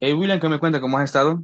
Hey William, ¿qué me cuenta? ¿Cómo has estado?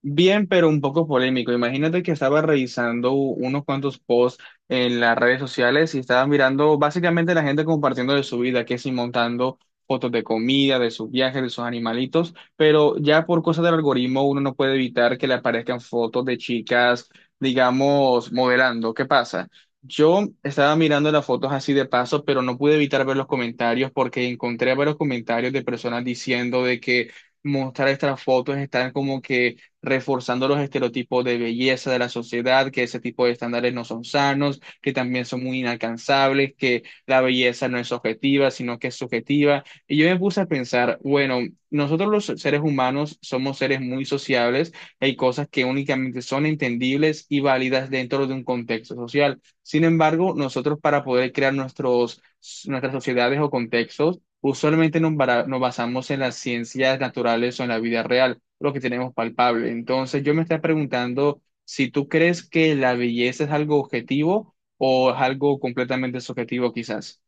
Bien, pero un poco polémico. Imagínate que estaba revisando unos cuantos posts en las redes sociales y estaba mirando básicamente la gente compartiendo de su vida, que si montando fotos de comida, de sus viajes, de sus animalitos, pero ya por cosas del algoritmo uno no puede evitar que le aparezcan fotos de chicas, digamos, modelando. ¿Qué pasa? Yo estaba mirando las fotos así de paso, pero no pude evitar ver los comentarios porque encontré varios comentarios de personas diciendo de que mostrar estas fotos están como que reforzando los estereotipos de belleza de la sociedad, que ese tipo de estándares no son sanos, que también son muy inalcanzables, que la belleza no es objetiva, sino que es subjetiva. Y yo me puse a pensar, bueno, nosotros los seres humanos somos seres muy sociables, hay cosas que únicamente son entendibles y válidas dentro de un contexto social. Sin embargo, nosotros para poder crear nuestras sociedades o contextos, usualmente nos basamos en las ciencias naturales o en la vida real lo que tenemos palpable. Entonces, yo me estaba preguntando si tú crees que la belleza es algo objetivo o es algo completamente subjetivo, quizás.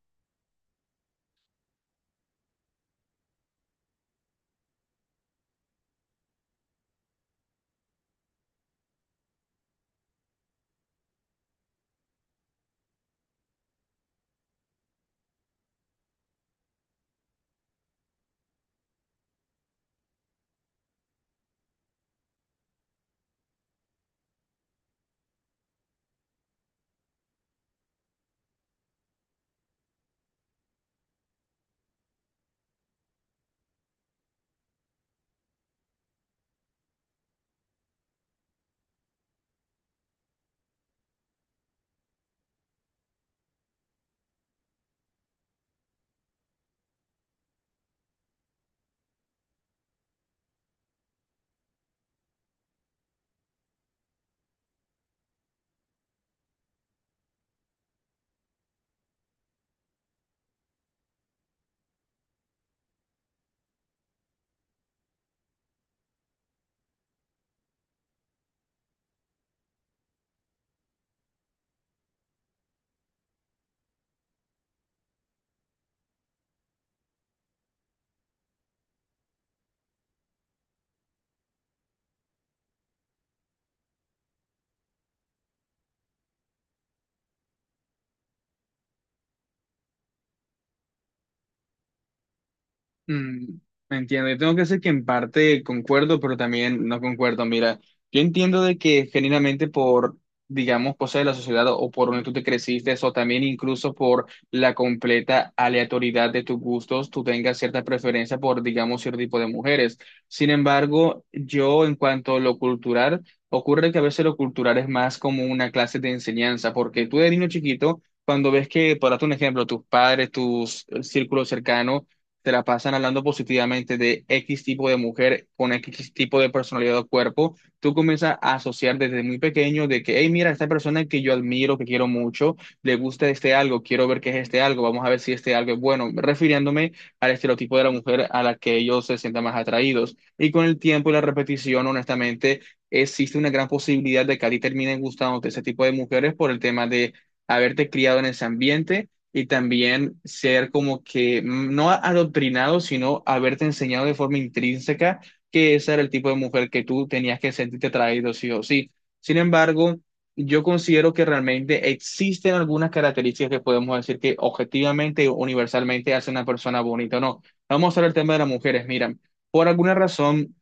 Mm, entiendo, yo tengo que decir que en parte concuerdo, pero también no concuerdo. Mira, yo entiendo de que genuinamente por, digamos, cosas de la sociedad o por donde tú te creciste, o también incluso por la completa aleatoriedad de tus gustos, tú tengas cierta preferencia por, digamos, cierto tipo de mujeres. Sin embargo, yo en cuanto a lo cultural, ocurre que a veces lo cultural es más como una clase de enseñanza, porque tú de niño chiquito, cuando ves que, por darte un ejemplo, tus padres, tus círculos cercanos, se la pasan hablando positivamente de X tipo de mujer con X tipo de personalidad o cuerpo, tú comienzas a asociar desde muy pequeño de que, hey, mira, esta persona que yo admiro, que quiero mucho, le gusta este algo, quiero ver qué es este algo, vamos a ver si este algo es bueno, refiriéndome al estereotipo de la mujer a la que ellos se sientan más atraídos. Y con el tiempo y la repetición, honestamente, existe una gran posibilidad de que a ti terminen gustándote ese tipo de mujeres por el tema de haberte criado en ese ambiente y también ser como que no adoctrinado, sino haberte enseñado de forma intrínseca que ese era el tipo de mujer que tú tenías que sentirte atraído sí o sí. Sin embargo, yo considero que realmente existen algunas características que podemos decir que objetivamente o universalmente hace una persona bonita o no. Vamos a hablar del tema de las mujeres. Mira, por alguna razón,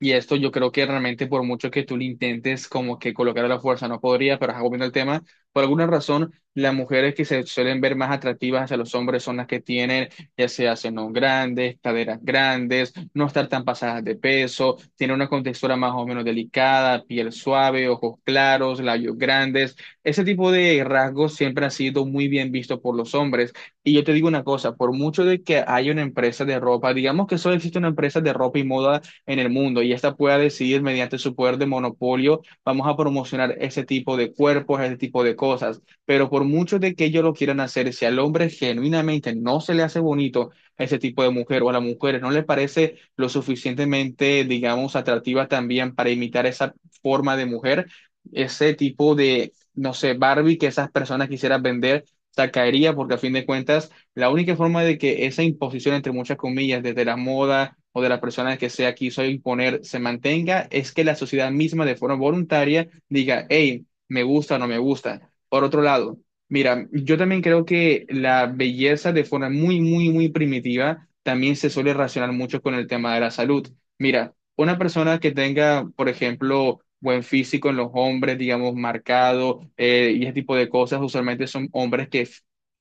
y esto yo creo que realmente por mucho que tú lo intentes como que colocar a la fuerza no podría, pero ajá, volviendo al tema, por alguna razón las mujeres que se suelen ver más atractivas hacia los hombres son las que tienen ya sea senos grandes, caderas grandes, no estar tan pasadas de peso, tienen una contextura más o menos delicada, piel suave, ojos claros, labios grandes. Ese tipo de rasgos siempre ha sido muy bien visto por los hombres. Y yo te digo una cosa, por mucho de que haya una empresa de ropa, digamos que solo existe una empresa de ropa y moda en el mundo y esta pueda decidir mediante su poder de monopolio, vamos a promocionar ese tipo de cuerpos, ese tipo de cosas. Pero por mucho de que ellos lo quieran hacer, si al hombre genuinamente no se le hace bonito ese tipo de mujer o a las mujeres no le parece lo suficientemente, digamos, atractiva también para imitar esa forma de mujer, ese tipo de, no sé, Barbie que esas personas quisieran vender, se caería porque a fin de cuentas la única forma de que esa imposición, entre muchas comillas, desde la moda o de las personas que sea quiso imponer, se mantenga, es que la sociedad misma de forma voluntaria diga, hey, me gusta o no me gusta. Por otro lado, mira, yo también creo que la belleza de forma muy, muy, muy primitiva también se suele relacionar mucho con el tema de la salud. Mira, una persona que tenga, por ejemplo, buen físico en los hombres, digamos, marcado y ese tipo de cosas, usualmente son hombres que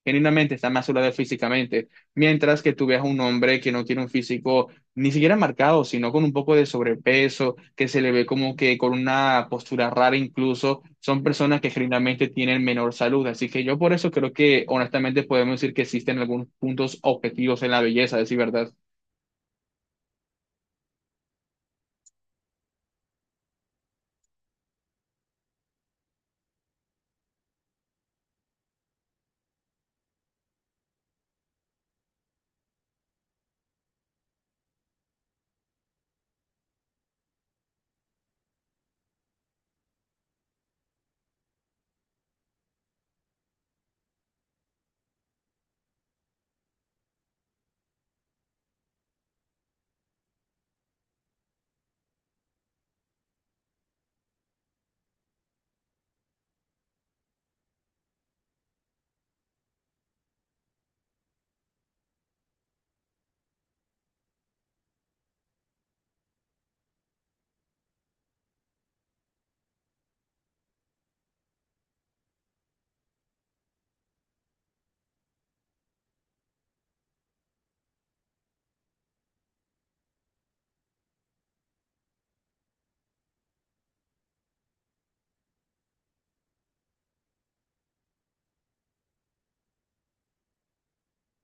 genuinamente está más de físicamente, mientras que tú veas un hombre que no tiene un físico ni siquiera marcado, sino con un poco de sobrepeso, que se le ve como que con una postura rara incluso, son personas que genuinamente tienen menor salud. Así que yo por eso creo que honestamente podemos decir que existen algunos puntos objetivos en la belleza, a decir verdad.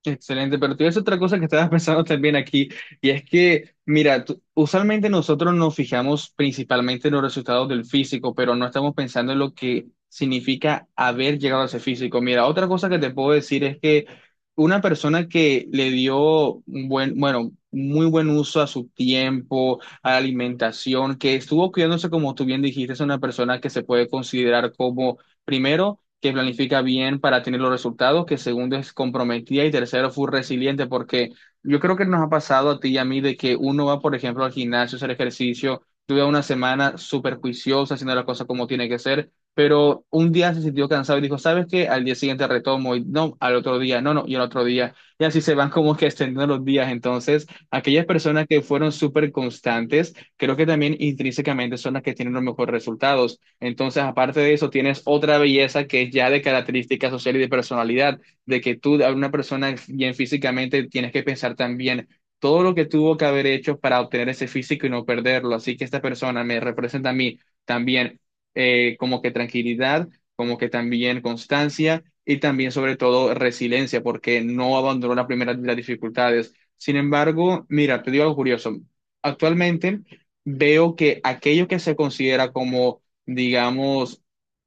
Excelente, pero tú ves otra cosa que estabas pensando también aquí, y es que, mira, tú- usualmente nosotros nos fijamos principalmente en los resultados del físico, pero no estamos pensando en lo que significa haber llegado a ese físico. Mira, otra cosa que te puedo decir es que una persona que le dio un muy buen uso a su tiempo, a la alimentación, que estuvo cuidándose como tú bien dijiste, es una persona que se puede considerar como, primero, que planifica bien para tener los resultados, que segundo es comprometida y tercero fue resiliente, porque yo creo que nos ha pasado a ti y a mí de que uno va, por ejemplo, al gimnasio a hacer ejercicio, tuve una semana súper juiciosa haciendo las cosas como tiene que ser, pero un día se sintió cansado y dijo, ¿sabes qué? Al día siguiente retomo y no, al otro día, no, no, y al otro día. Y así se van como que extendiendo los días. Entonces, aquellas personas que fueron súper constantes, creo que también intrínsecamente son las que tienen los mejores resultados. Entonces, aparte de eso, tienes otra belleza que es ya de característica social y de personalidad, de que tú, a una persona bien físicamente, tienes que pensar también todo lo que tuvo que haber hecho para obtener ese físico y no perderlo. Así que esta persona me representa a mí también como que tranquilidad, como que también constancia y también sobre todo resiliencia, porque no abandonó la primera de las dificultades. Sin embargo, mira, te digo algo curioso. Actualmente veo que aquello que se considera como digamos,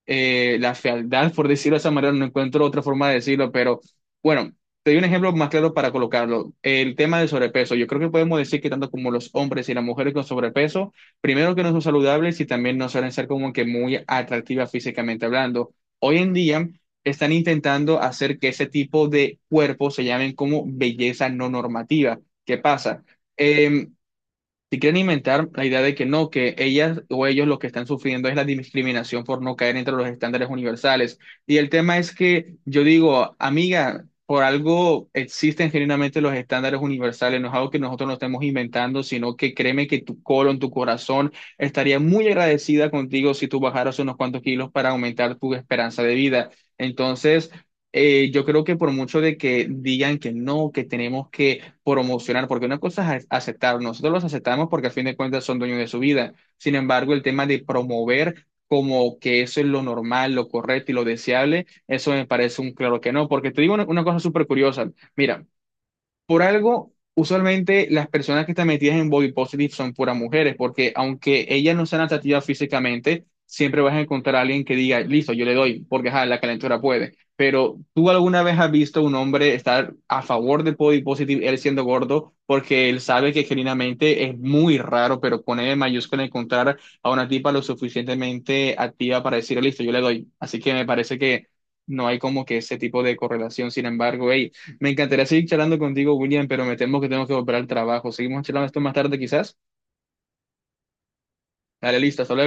la fealdad, por decirlo de esa manera, no encuentro otra forma de decirlo, pero bueno, te doy un ejemplo más claro para colocarlo. El tema del sobrepeso. Yo creo que podemos decir que tanto como los hombres y las mujeres con sobrepeso, primero que no son saludables y también no suelen ser como que muy atractivas físicamente hablando. Hoy en día están intentando hacer que ese tipo de cuerpos se llamen como belleza no normativa. ¿Qué pasa? Em, si quieren inventar la idea de que no, que ellas o ellos lo que están sufriendo es la discriminación por no caer entre los estándares universales. Y el tema es que yo digo, amiga, por algo existen genuinamente los estándares universales, no es algo que nosotros nos estemos inventando, sino que créeme que tu colon, tu corazón estaría muy agradecida contigo si tú bajaras unos cuantos kilos para aumentar tu esperanza de vida. Entonces, yo creo que por mucho de que digan que no, que tenemos que promocionar, porque una cosa es aceptar, nosotros los aceptamos porque al fin de cuentas son dueños de su vida. Sin embargo, el tema de promover como que eso es lo normal, lo correcto y lo deseable, eso me parece un claro que no, porque te digo una cosa súper curiosa. Mira, por algo, usualmente las personas que están metidas en body positive son puras mujeres, porque aunque ellas no sean atractivas físicamente, siempre vas a encontrar a alguien que diga, listo, yo le doy, porque ajá, la calentura puede. Pero ¿tú alguna vez has visto a un hombre estar a favor del body positive, él siendo gordo, porque él sabe que genuinamente es muy raro, pero con E mayúscula encontrar a una tipa lo suficientemente activa para decir, listo, yo le doy? Así que me parece que no hay como que ese tipo de correlación. Sin embargo, hey, me encantaría seguir charlando contigo, William, pero me temo que tengo que volver al trabajo. Seguimos charlando esto más tarde, quizás. Dale, lista, hasta luego.